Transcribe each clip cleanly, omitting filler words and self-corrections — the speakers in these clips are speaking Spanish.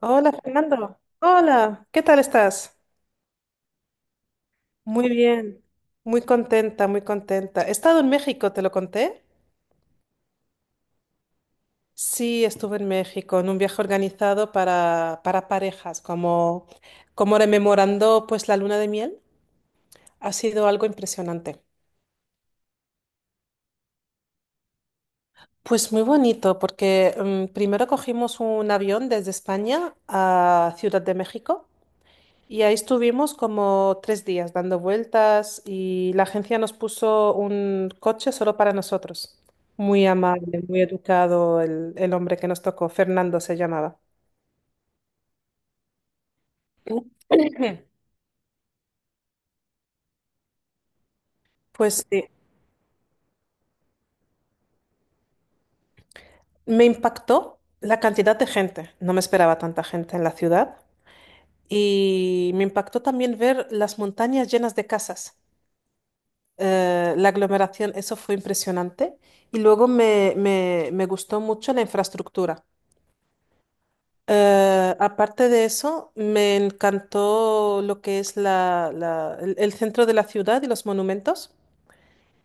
Hola Fernando, hola, ¿qué tal estás? Muy bien, muy contenta, muy contenta. He estado en México, ¿te lo conté? Sí, estuve en México en un viaje organizado para parejas, como, como rememorando pues la luna de miel. Ha sido algo impresionante. Pues muy bonito, porque primero cogimos un avión desde España a Ciudad de México. Y ahí estuvimos como 3 días dando vueltas y la agencia nos puso un coche solo para nosotros. Muy amable, muy educado el hombre que nos tocó, Fernando se llamaba. Pues sí, me impactó la cantidad de gente. No me esperaba tanta gente en la ciudad. Y me impactó también ver las montañas llenas de casas. La aglomeración, eso fue impresionante. Y luego me gustó mucho la infraestructura. Aparte de eso, me encantó lo que es el centro de la ciudad y los monumentos,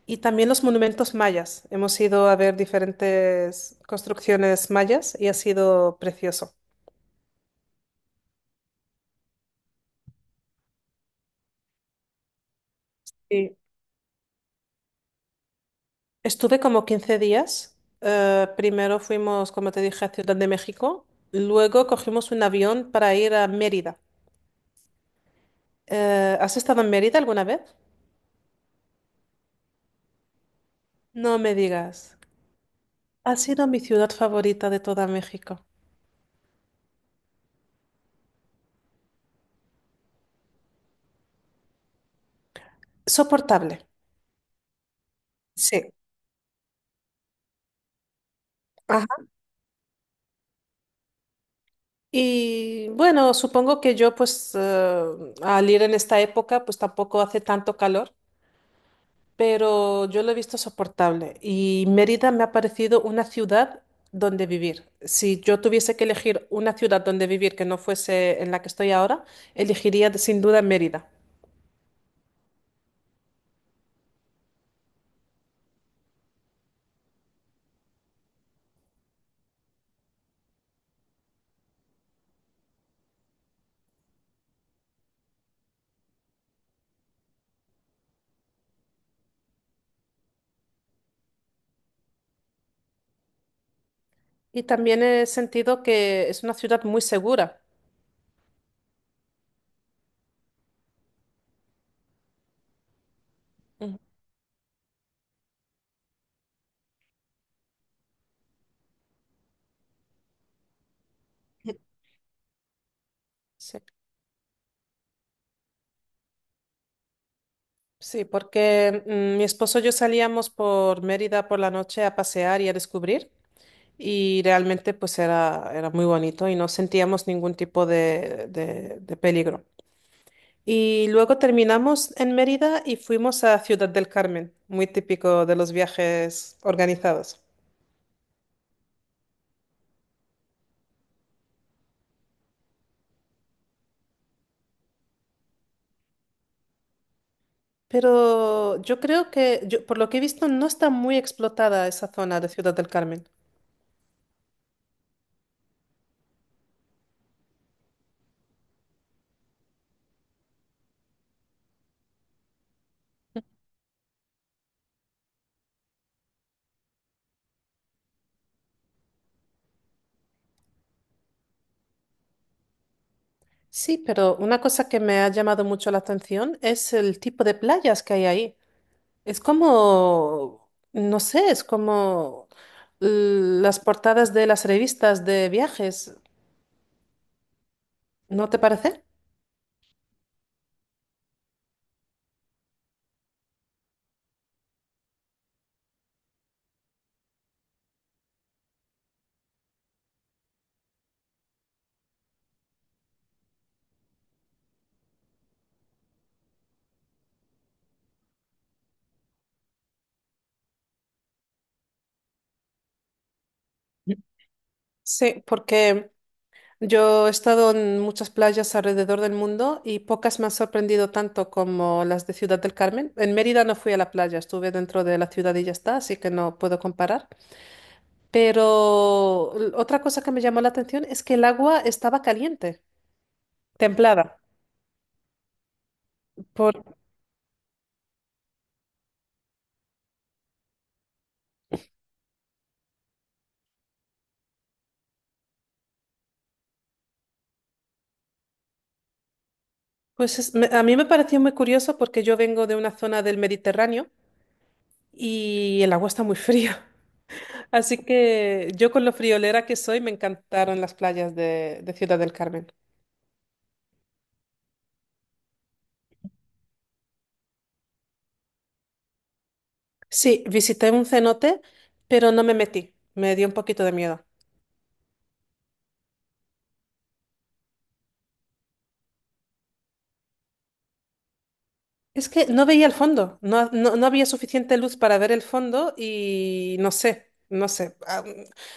y también los monumentos mayas. Hemos ido a ver diferentes construcciones mayas y ha sido precioso. Sí. Estuve como 15 días. Primero fuimos, como te dije, a Ciudad de México. Luego cogimos un avión para ir a Mérida. ¿Has estado en Mérida alguna vez? No me digas. Ha sido mi ciudad favorita de toda México. Soportable. Sí. Ajá. Y bueno, supongo que yo pues al ir en esta época pues tampoco hace tanto calor, pero yo lo he visto soportable y Mérida me ha parecido una ciudad donde vivir. Si yo tuviese que elegir una ciudad donde vivir que no fuese en la que estoy ahora, elegiría sin duda Mérida. Y también he sentido que es una ciudad muy segura. Ujú. Sí, sí, porque mi esposo y yo salíamos por Mérida por la noche a pasear y a descubrir. Y realmente pues era, era muy bonito y no sentíamos ningún tipo de, de peligro. Y luego terminamos en Mérida y fuimos a Ciudad del Carmen, muy típico de los viajes organizados. Pero yo creo que, por lo que he visto, no está muy explotada esa zona de Ciudad del Carmen. Sí, pero una cosa que me ha llamado mucho la atención es el tipo de playas que hay ahí. Es como, no sé, es como las portadas de las revistas de viajes, ¿no te parece? Sí, porque yo he estado en muchas playas alrededor del mundo y pocas me han sorprendido tanto como las de Ciudad del Carmen. En Mérida no fui a la playa, estuve dentro de la ciudad y ya está, así que no puedo comparar. Pero otra cosa que me llamó la atención es que el agua estaba caliente, templada, por- pues a mí me pareció muy curioso porque yo vengo de una zona del Mediterráneo y el agua está muy fría. Así que yo con lo friolera que soy me encantaron las playas de Ciudad del Carmen. Sí, visité un cenote, pero no me metí. Me dio un poquito de miedo. Es que no veía el fondo, no, no, no había suficiente luz para ver el fondo y no sé, no sé. Ah,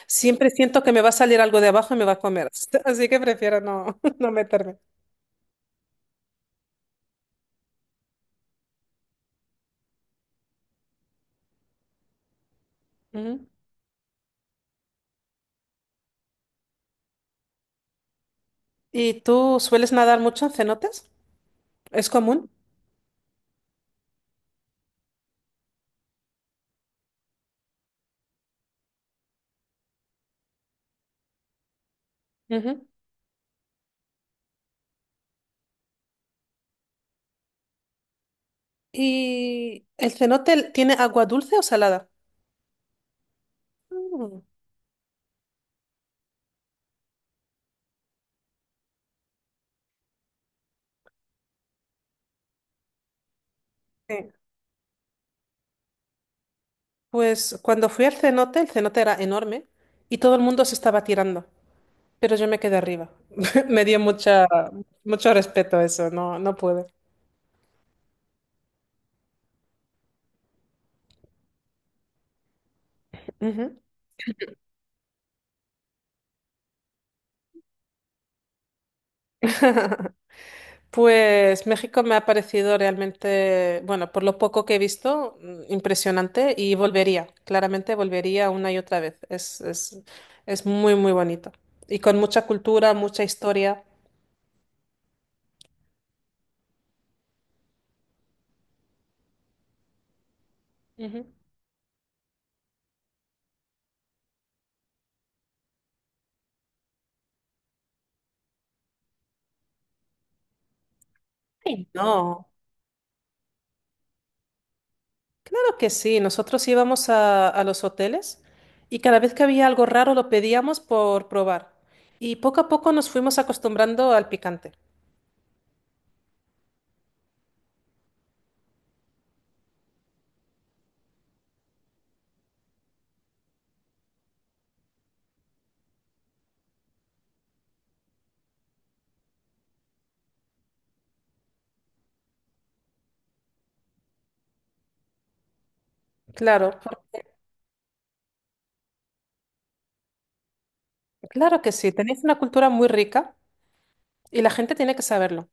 siempre siento que me va a salir algo de abajo y me va a comer. Así que prefiero no, no meterme. Ujú. ¿Y tú sueles nadar mucho en cenotes? ¿Es común? Ujú. ¿Y el cenote tiene agua dulce o salada? Mm, sí. Pues cuando fui al cenote, el cenote era enorme y todo el mundo se estaba tirando, pero yo me quedé arriba. Me dio mucha, mucho respeto eso, no, no pude. Ujú. Pues México me ha parecido realmente, bueno, por lo poco que he visto, impresionante y volvería, claramente volvería una y otra vez. Es muy, muy bonito. Y con mucha cultura, mucha historia. Ujú. Sí. No, claro que sí. Nosotros íbamos a los hoteles y cada vez que había algo raro lo pedíamos por probar. Y poco a poco nos fuimos acostumbrando al picante. Claro, claro que sí. Tenéis una cultura muy rica y la gente tiene que saberlo.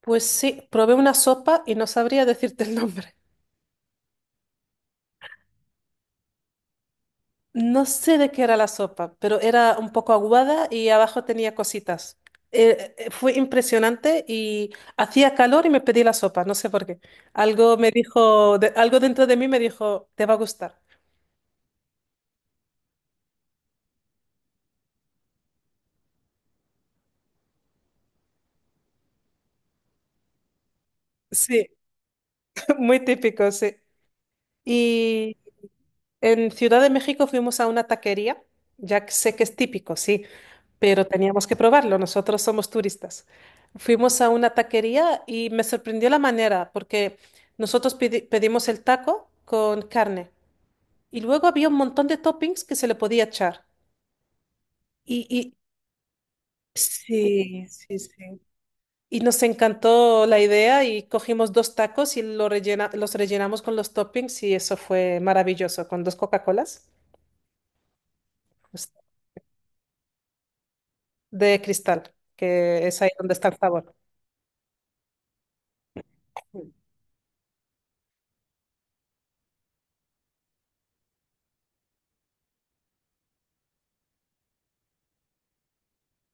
Pues sí, probé una sopa y no sabría decirte el nombre. No sé de qué era la sopa, pero era un poco aguada y abajo tenía cositas. Fue impresionante y hacía calor y me pedí la sopa, no sé por qué. Algo me dijo, algo dentro de mí me dijo, te va a gustar. Sí, muy típico, sí. Y en Ciudad de México fuimos a una taquería, ya que sé que es típico, sí. Pero teníamos que probarlo, nosotros somos turistas. Fuimos a una taquería y me sorprendió la manera, porque nosotros pedimos el taco con carne y luego había un montón de toppings que se le podía echar. Y sí, sí, sí. Y nos encantó la idea y cogimos dos tacos y lo los rellenamos con los toppings y eso fue maravilloso, con dos Coca-Colas pues, de cristal, que es ahí donde está el sabor.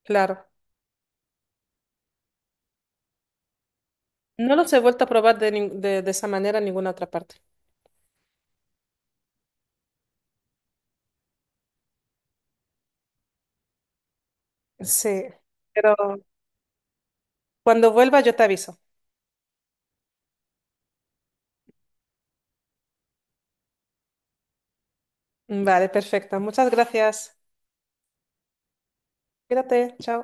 Claro. No los he vuelto a probar de, de esa manera en ninguna otra parte. Sí, pero cuando vuelva yo te aviso. Vale, perfecto. Muchas gracias. Cuídate, chao.